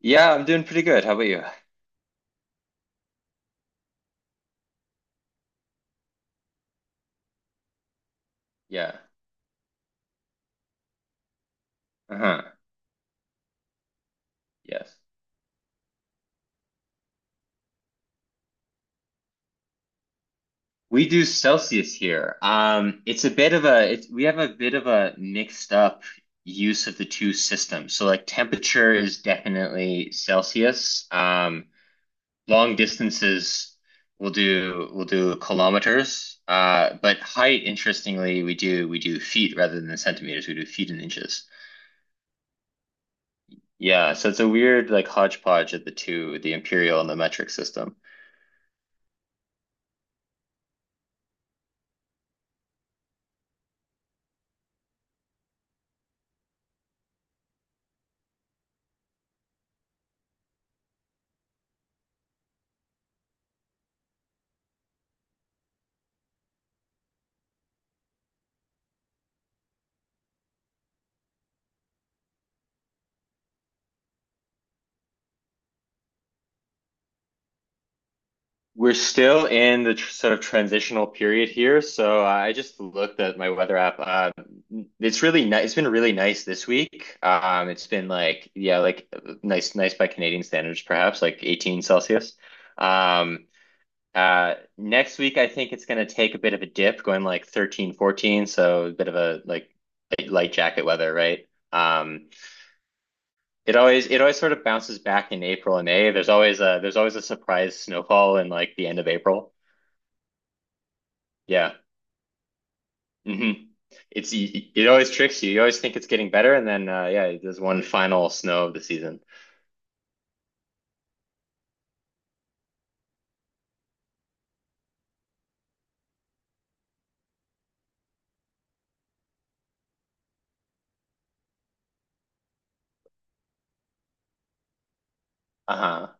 Yeah, I'm doing pretty good. How about you? Yeah. Uh-huh. Yes. We do Celsius here. It's a bit of a it's we have a bit of a mixed up use of the two systems. So like temperature is definitely Celsius. Long distances we'll do kilometers. But height, interestingly, we do feet rather than centimeters. We do feet and inches. Yeah, so it's a weird like hodgepodge of the two, the imperial and the metric system. We're still in the tr sort of transitional period here, so I just looked at my weather app. It's really nice. It's been really nice this week. It's been like yeah, like nice by Canadian standards, perhaps like 18 Celsius. Um, next week I think it's gonna take a bit of a dip, going like 13, 14. So a bit of a like light jacket weather, right? Um, it always sort of bounces back in April and May. There's always a surprise snowfall in like the end of April. Yeah. Mm-hmm. It always tricks you. You always think it's getting better, and then yeah, there's one final snow of the season. Uh-huh.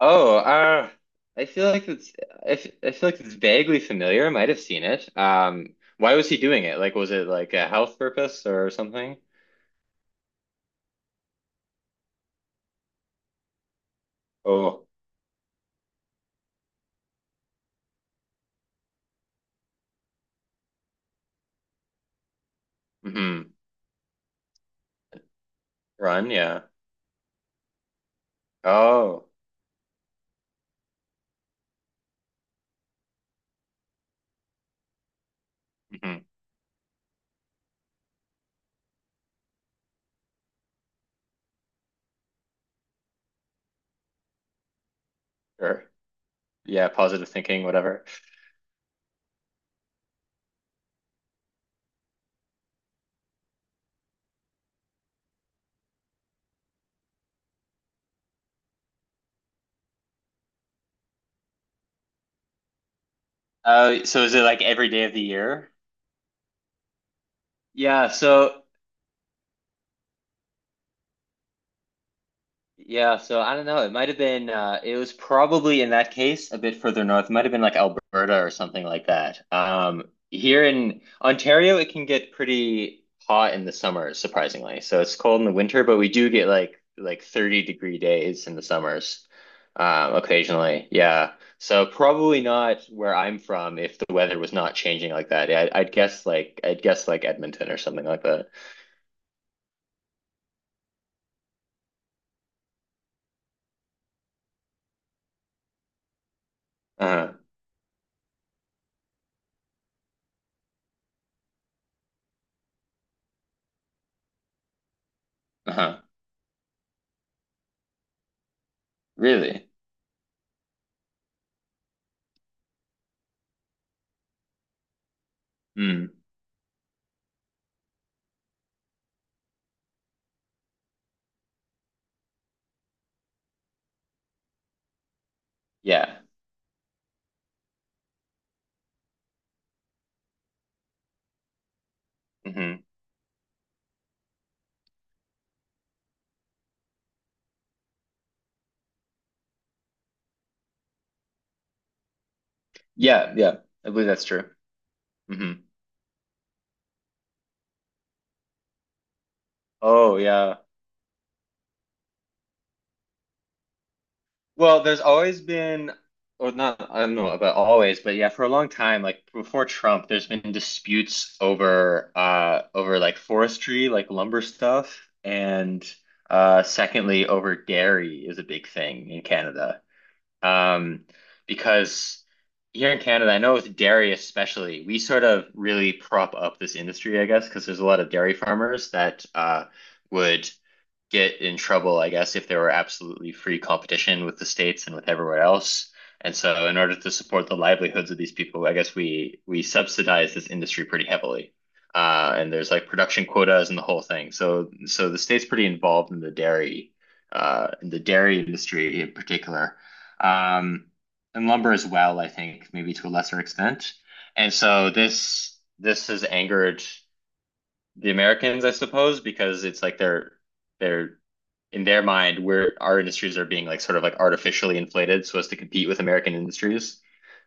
Oh, uh, I feel like it's I feel like it's vaguely familiar. I might have seen it. Why was he doing it? Like, was it like a health purpose or something? Oh, mm-hmm. Run, yeah. Oh, mm-hmm. Sure. Yeah, positive thinking, whatever. So is it like every day of the year? Yeah, so. Yeah, so I don't know. It might have been it was probably in that case a bit further north. It might have been like Alberta or something like that. Um, here in Ontario it can get pretty hot in the summer, surprisingly. So it's cold in the winter, but we do get like 30-degree days in the summers occasionally. Yeah. So probably not where I'm from if the weather was not changing like that. I'd guess I'd guess like Edmonton or something like that. Uh-huh. Uh-huh. Really? Mm. Yeah. Mhm. Yeah, yeah, I believe that's true. Hmm. Oh, yeah. Well, there's always been, or not, I don't know about always, but yeah, for a long time, like before Trump, there's been disputes over, over like forestry, like lumber stuff, and secondly, over dairy is a big thing in Canada, um, because. Here in Canada, I know with dairy especially, we sort of really prop up this industry, I guess, because there's a lot of dairy farmers that would get in trouble, I guess, if there were absolutely free competition with the states and with everywhere else. And so, in order to support the livelihoods of these people, I guess we subsidize this industry pretty heavily. And there's like production quotas and the whole thing. So, the state's pretty involved in the dairy industry in particular, um, and lumber as well. I think maybe to a lesser extent. And so this has angered the Americans, I suppose, because it's like they're in their mind, where our industries are being like sort of like artificially inflated so as to compete with American industries,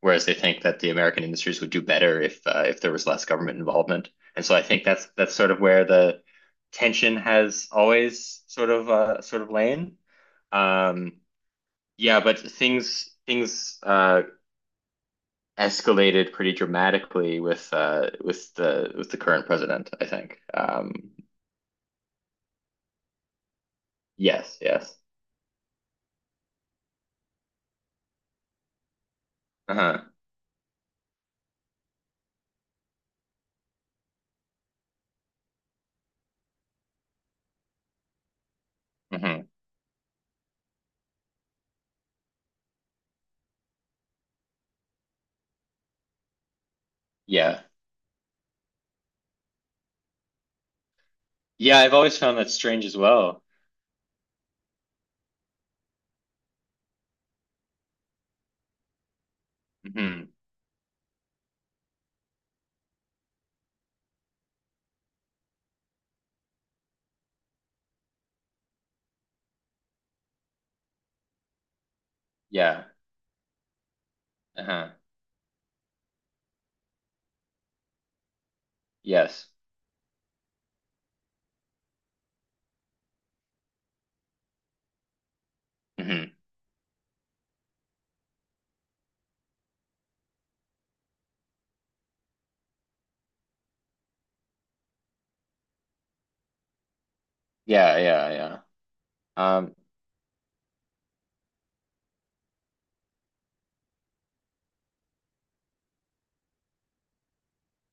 whereas they think that the American industries would do better if there was less government involvement. And so I think that's sort of where the tension has always sort of lain. Um, yeah, but things escalated pretty dramatically with the current president, I think. Yes, yes. Uh-huh. Hmm. Yeah. Yeah, I've always found that strange as well. Hmm. Yeah. Uh-huh. Yes. Hmm. Yeah, yeah, yeah. Um,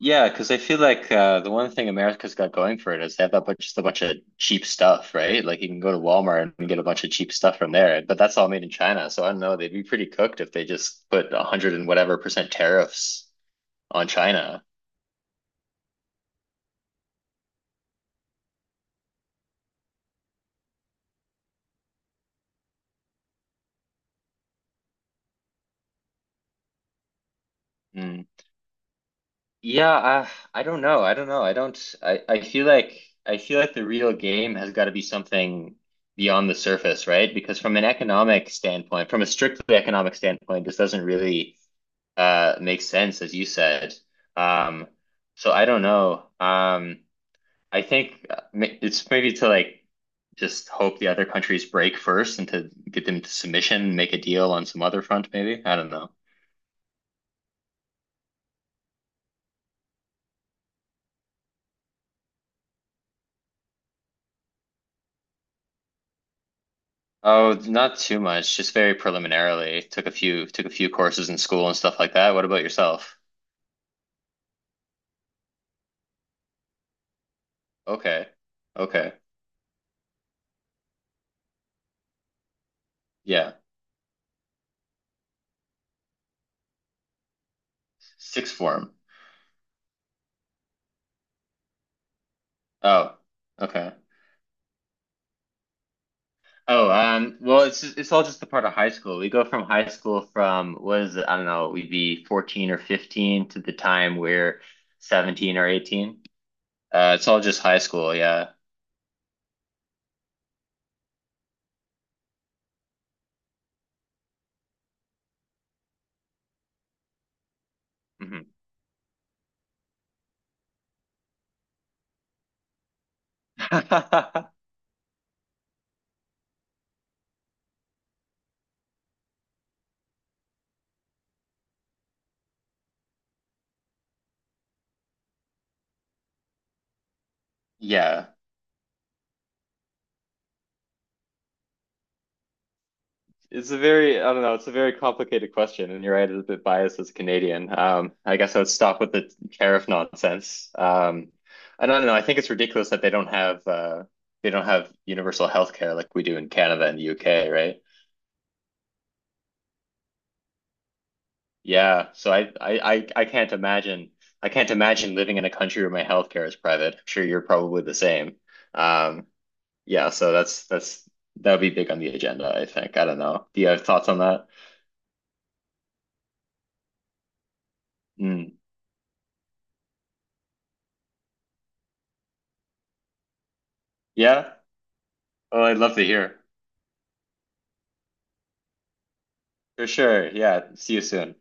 yeah, because I feel like the one thing America's got going for it is they have that bunch, just a bunch of cheap stuff, right? Like you can go to Walmart and get a bunch of cheap stuff from there, but that's all made in China. So I don't know, they'd be pretty cooked if they just put a hundred and whatever percent tariffs on China. Yeah, I don't know. I don't know. I don't I feel like the real game has got to be something beyond the surface, right? Because from an economic standpoint, from a strictly economic standpoint, this doesn't really make sense, as you said. Um, so I don't know. I think it's maybe to like just hope the other countries break first and to get them to submission, make a deal on some other front, maybe. I don't know. Oh, not too much, just very preliminarily. Took a few courses in school and stuff like that. What about yourself? Okay. Okay. Yeah. Sixth form. Oh. Okay. Oh, well, it's all just the part of high school. We go from high school from what is it? I don't know, we'd be 14 or 15 to the time we're 17 or 18. It's all just high school, yeah. Hmm. Yeah. It's a very, I don't know, it's a very complicated question, and you're right, it's a bit biased as a Canadian. I guess I would stop with the tariff nonsense. And I don't know, I think it's ridiculous that they don't have universal health care like we do in Canada and the UK, right? Yeah, so I can't imagine living in a country where my healthcare is private. I'm sure you're probably the same. Um, yeah, so that would be big on the agenda, I think. I don't know. Do you have thoughts on that? Mm. Yeah. Oh, I'd love to hear. For sure. Yeah. See you soon.